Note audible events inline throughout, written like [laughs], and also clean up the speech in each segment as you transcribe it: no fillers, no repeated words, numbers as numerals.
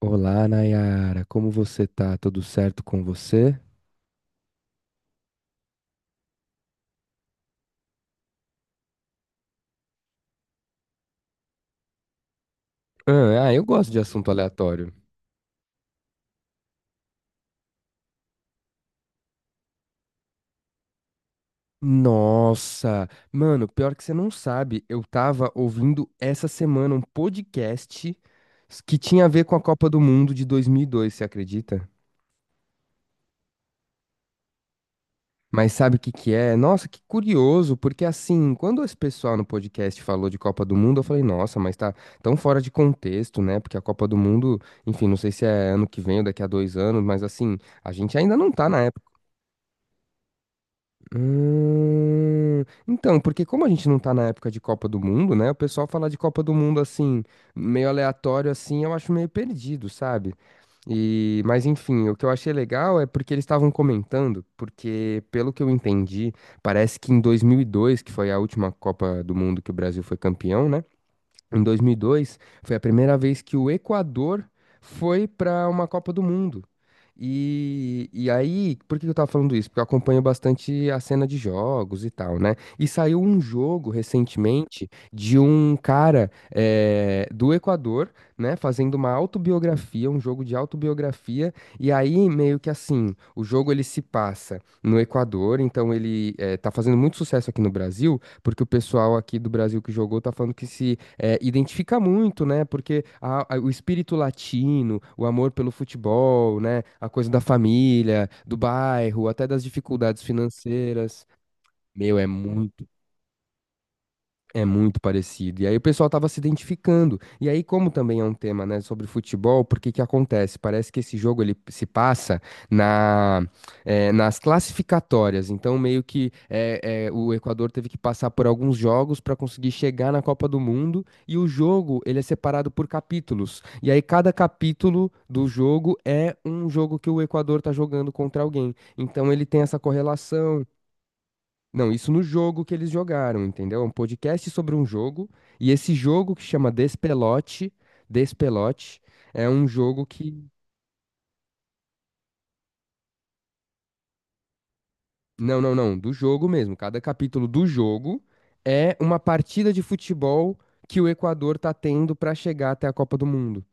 Olá, Nayara, como você tá? Tudo certo com você? Ah, eu gosto de assunto aleatório. Nossa, mano, pior que você não sabe, eu tava ouvindo essa semana um podcast que tinha a ver com a Copa do Mundo de 2002, você acredita? Mas sabe o que que é? Nossa, que curioso, porque assim, quando esse pessoal no podcast falou de Copa do Mundo, eu falei, nossa, mas tá tão fora de contexto, né? Porque a Copa do Mundo, enfim, não sei se é ano que vem ou daqui a 2 anos, mas assim, a gente ainda não tá na. Então, porque como a gente não tá na época de Copa do Mundo, né? O pessoal falar de Copa do Mundo assim, meio aleatório assim, eu acho meio perdido, sabe? E, mas enfim, o que eu achei legal é porque eles estavam comentando, porque pelo que eu entendi, parece que em 2002, que foi a última Copa do Mundo que o Brasil foi campeão, né? Em 2002, foi a primeira vez que o Equador foi para uma Copa do Mundo. E aí, por que que eu tava falando isso? Porque eu acompanho bastante a cena de jogos e tal, né? E saiu um jogo recentemente de um cara do Equador, né, fazendo uma autobiografia, um jogo de autobiografia. E aí, meio que assim, o jogo ele se passa no Equador, então ele tá fazendo muito sucesso aqui no Brasil, porque o pessoal aqui do Brasil que jogou tá falando que se é, identifica muito, né? Porque o espírito latino, o amor pelo futebol, né? A coisa da família, do bairro, até das dificuldades financeiras. Meu, é muito parecido. E aí o pessoal estava se identificando. E aí, como também é um tema, né, sobre futebol, porque que acontece? Parece que esse jogo ele se passa na, nas classificatórias. Então, meio que o Equador teve que passar por alguns jogos para conseguir chegar na Copa do Mundo. E o jogo ele é separado por capítulos. E aí, cada capítulo do jogo é um jogo que o Equador está jogando contra alguém. Então, ele tem essa correlação. Não, isso no jogo que eles jogaram, entendeu? É um podcast sobre um jogo, e esse jogo que chama Despelote, Despelote, é um jogo que. Não, não, não, do jogo mesmo. Cada capítulo do jogo é uma partida de futebol que o Equador tá tendo pra chegar até a Copa do Mundo.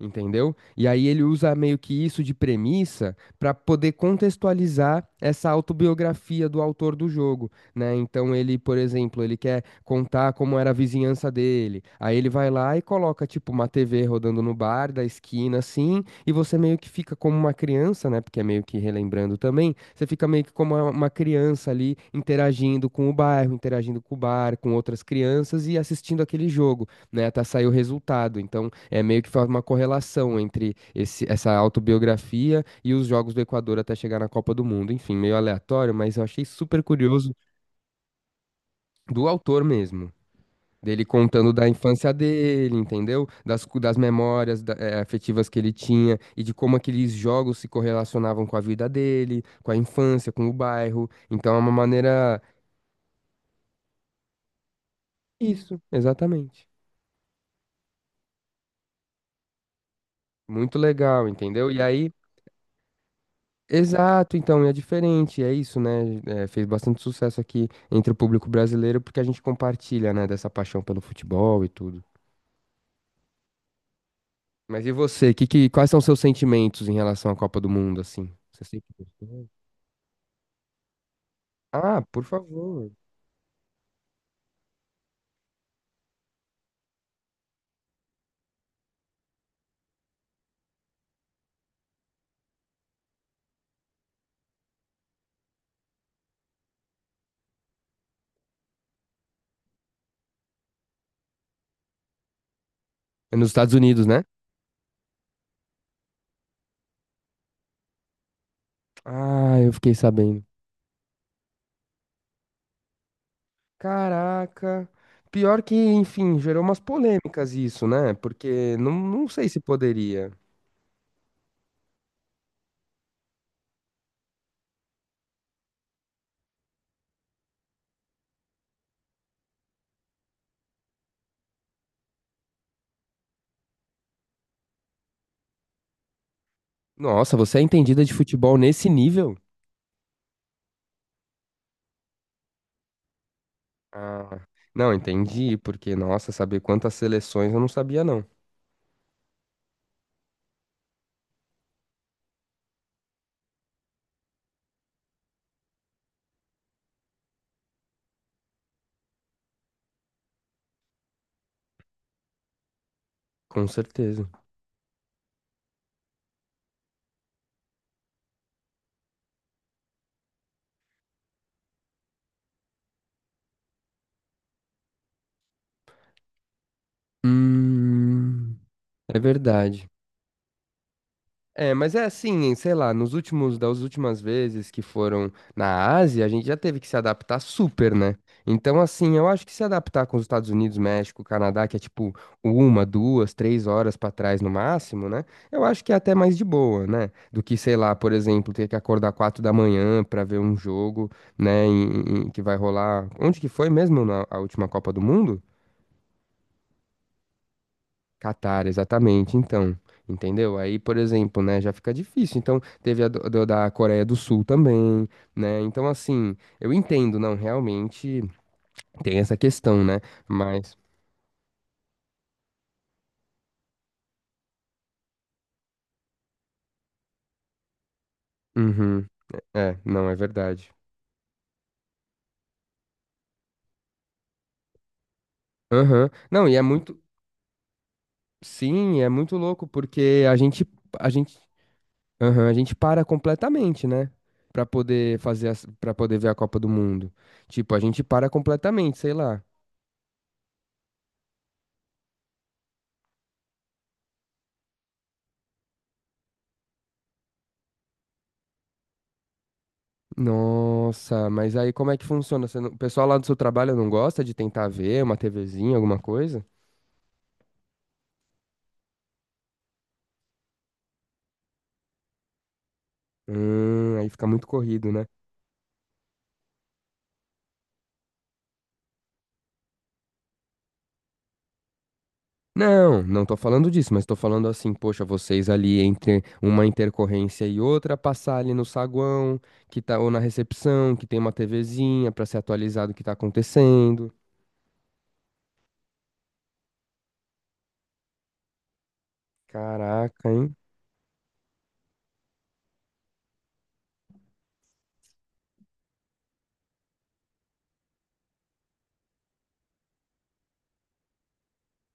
Entendeu? E aí ele usa meio que isso de premissa para poder contextualizar essa autobiografia do autor do jogo, né? Então ele, por exemplo, ele quer contar como era a vizinhança dele. Aí ele vai lá e coloca tipo uma TV rodando no bar da esquina assim, e você meio que fica como uma criança, né? Porque é meio que relembrando também, você fica meio que como uma criança ali interagindo com o bairro, interagindo com o bar, com outras crianças e assistindo aquele jogo, né? Até sair o resultado. Então é meio que faz uma correlação entre essa autobiografia e os jogos do Equador até chegar na Copa do Mundo. Enfim, meio aleatório, mas eu achei super curioso do autor mesmo. Dele contando da infância dele, entendeu? Das memórias afetivas que ele tinha e de como aqueles jogos se correlacionavam com a vida dele, com a infância, com o bairro. Então é uma maneira. Isso, exatamente. Muito legal, entendeu? E aí. Exato, então, e é diferente, é isso, né? É, fez bastante sucesso aqui entre o público brasileiro porque a gente compartilha, né, dessa paixão pelo futebol e tudo. Mas e você? Quais são seus sentimentos em relação à Copa do Mundo, assim? Você sempre gostou? Ah, por favor. É nos Estados Unidos, né? Ah, eu fiquei sabendo. Caraca. Pior que, enfim, gerou umas polêmicas isso, né? Porque não sei se poderia. Nossa, você é entendida de futebol nesse nível? Ah, não, entendi, porque, nossa, saber quantas seleções eu não sabia, não. Com certeza. Hum, é verdade. É, mas é assim, sei lá, nos últimos, das últimas vezes que foram na Ásia, a gente já teve que se adaptar super, né? Então, assim, eu acho que se adaptar com os Estados Unidos, México, Canadá, que é tipo uma, duas, três horas pra trás no máximo, né? Eu acho que é até mais de boa, né? Do que, sei lá, por exemplo, ter que acordar 4 da manhã pra ver um jogo, né? Que vai rolar. Onde que foi mesmo na a última Copa do Mundo? Catar, exatamente. Então, entendeu? Aí, por exemplo, né, já fica difícil. Então, teve a da Coreia do Sul também, né? Então, assim, eu entendo, não, realmente tem essa questão, né? Mas, uhum, é, não, é verdade. Aham. Não, e é muito, sim, é muito louco porque a gente, aham, a gente para completamente, né? Pra poder fazer, Para poder ver a Copa do Mundo. Tipo, a gente para completamente, sei lá. Nossa, mas aí como é que funciona? Você não- O pessoal lá do seu trabalho não gosta de tentar ver uma TVzinha, alguma coisa? Aí fica muito corrido, né? Não, não tô falando disso, mas tô falando assim, poxa, vocês ali entre uma intercorrência e outra, passar ali no saguão, que tá, ou na recepção, que tem uma TVzinha pra se atualizar do que tá acontecendo. Caraca, hein?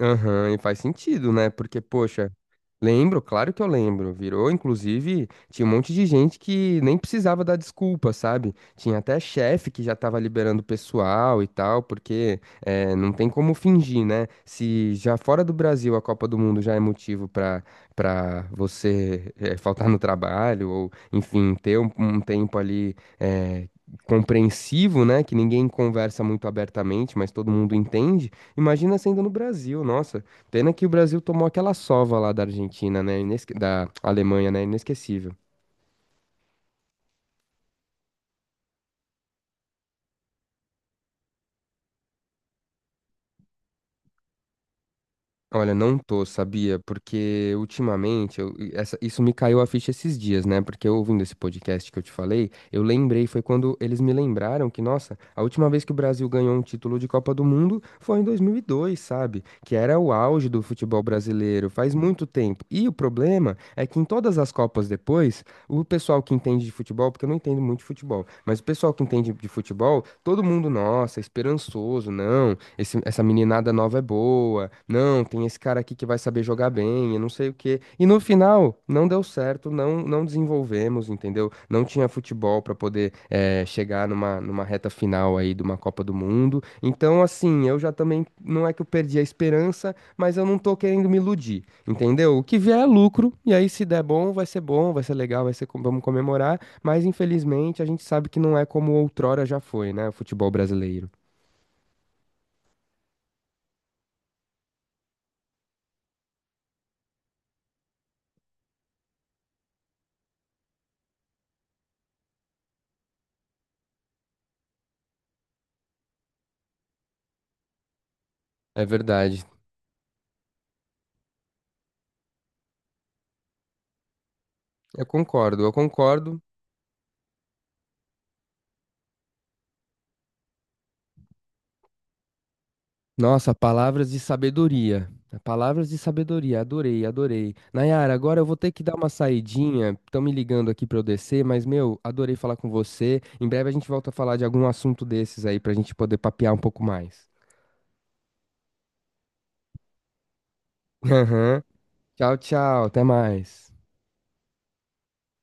Aham, e faz sentido, né? Porque, poxa. Lembro, claro que eu lembro. Virou, inclusive, tinha um monte de gente que nem precisava dar desculpa, sabe? Tinha até chefe que já tava liberando o pessoal e tal, porque não tem como fingir, né? Se já fora do Brasil a Copa do Mundo já é motivo pra para você faltar no trabalho, ou, enfim, ter um tempo ali. Compreensivo, né, que ninguém conversa muito abertamente, mas todo mundo entende. Imagina sendo no Brasil, nossa. Pena que o Brasil tomou aquela sova lá da Argentina, né? Da Alemanha, né? Inesquecível. Olha, não tô, sabia? Porque ultimamente, isso me caiu a ficha esses dias, né? Porque eu ouvindo esse podcast que eu te falei, eu lembrei, foi quando eles me lembraram que, nossa, a última vez que o Brasil ganhou um título de Copa do Mundo foi em 2002, sabe? Que era o auge do futebol brasileiro, faz muito tempo. E o problema é que em todas as Copas depois, o pessoal que entende de futebol, porque eu não entendo muito de futebol, mas o pessoal que entende de futebol, todo mundo, nossa, esperançoso, não essa meninada nova é boa. Não, tem esse cara aqui que vai saber jogar bem, e não sei o quê. E no final, não deu certo, não, não desenvolvemos, entendeu? Não tinha futebol para poder chegar numa reta final aí de uma Copa do Mundo. Então, assim, eu já também, não é que eu perdi a esperança, mas eu não tô querendo me iludir, entendeu? O que vier é lucro, e aí se der bom, vai ser legal, vai ser, vamos comemorar, mas infelizmente a gente sabe que não é como outrora já foi, né, o futebol brasileiro. É verdade. Eu concordo, eu concordo. Nossa, palavras de sabedoria. Palavras de sabedoria, adorei, adorei. Nayara, agora eu vou ter que dar uma saidinha. Estão me ligando aqui pra eu descer, mas meu, adorei falar com você. Em breve a gente volta a falar de algum assunto desses aí pra gente poder papear um pouco mais. [laughs] Aham. Tchau, tchau, até mais.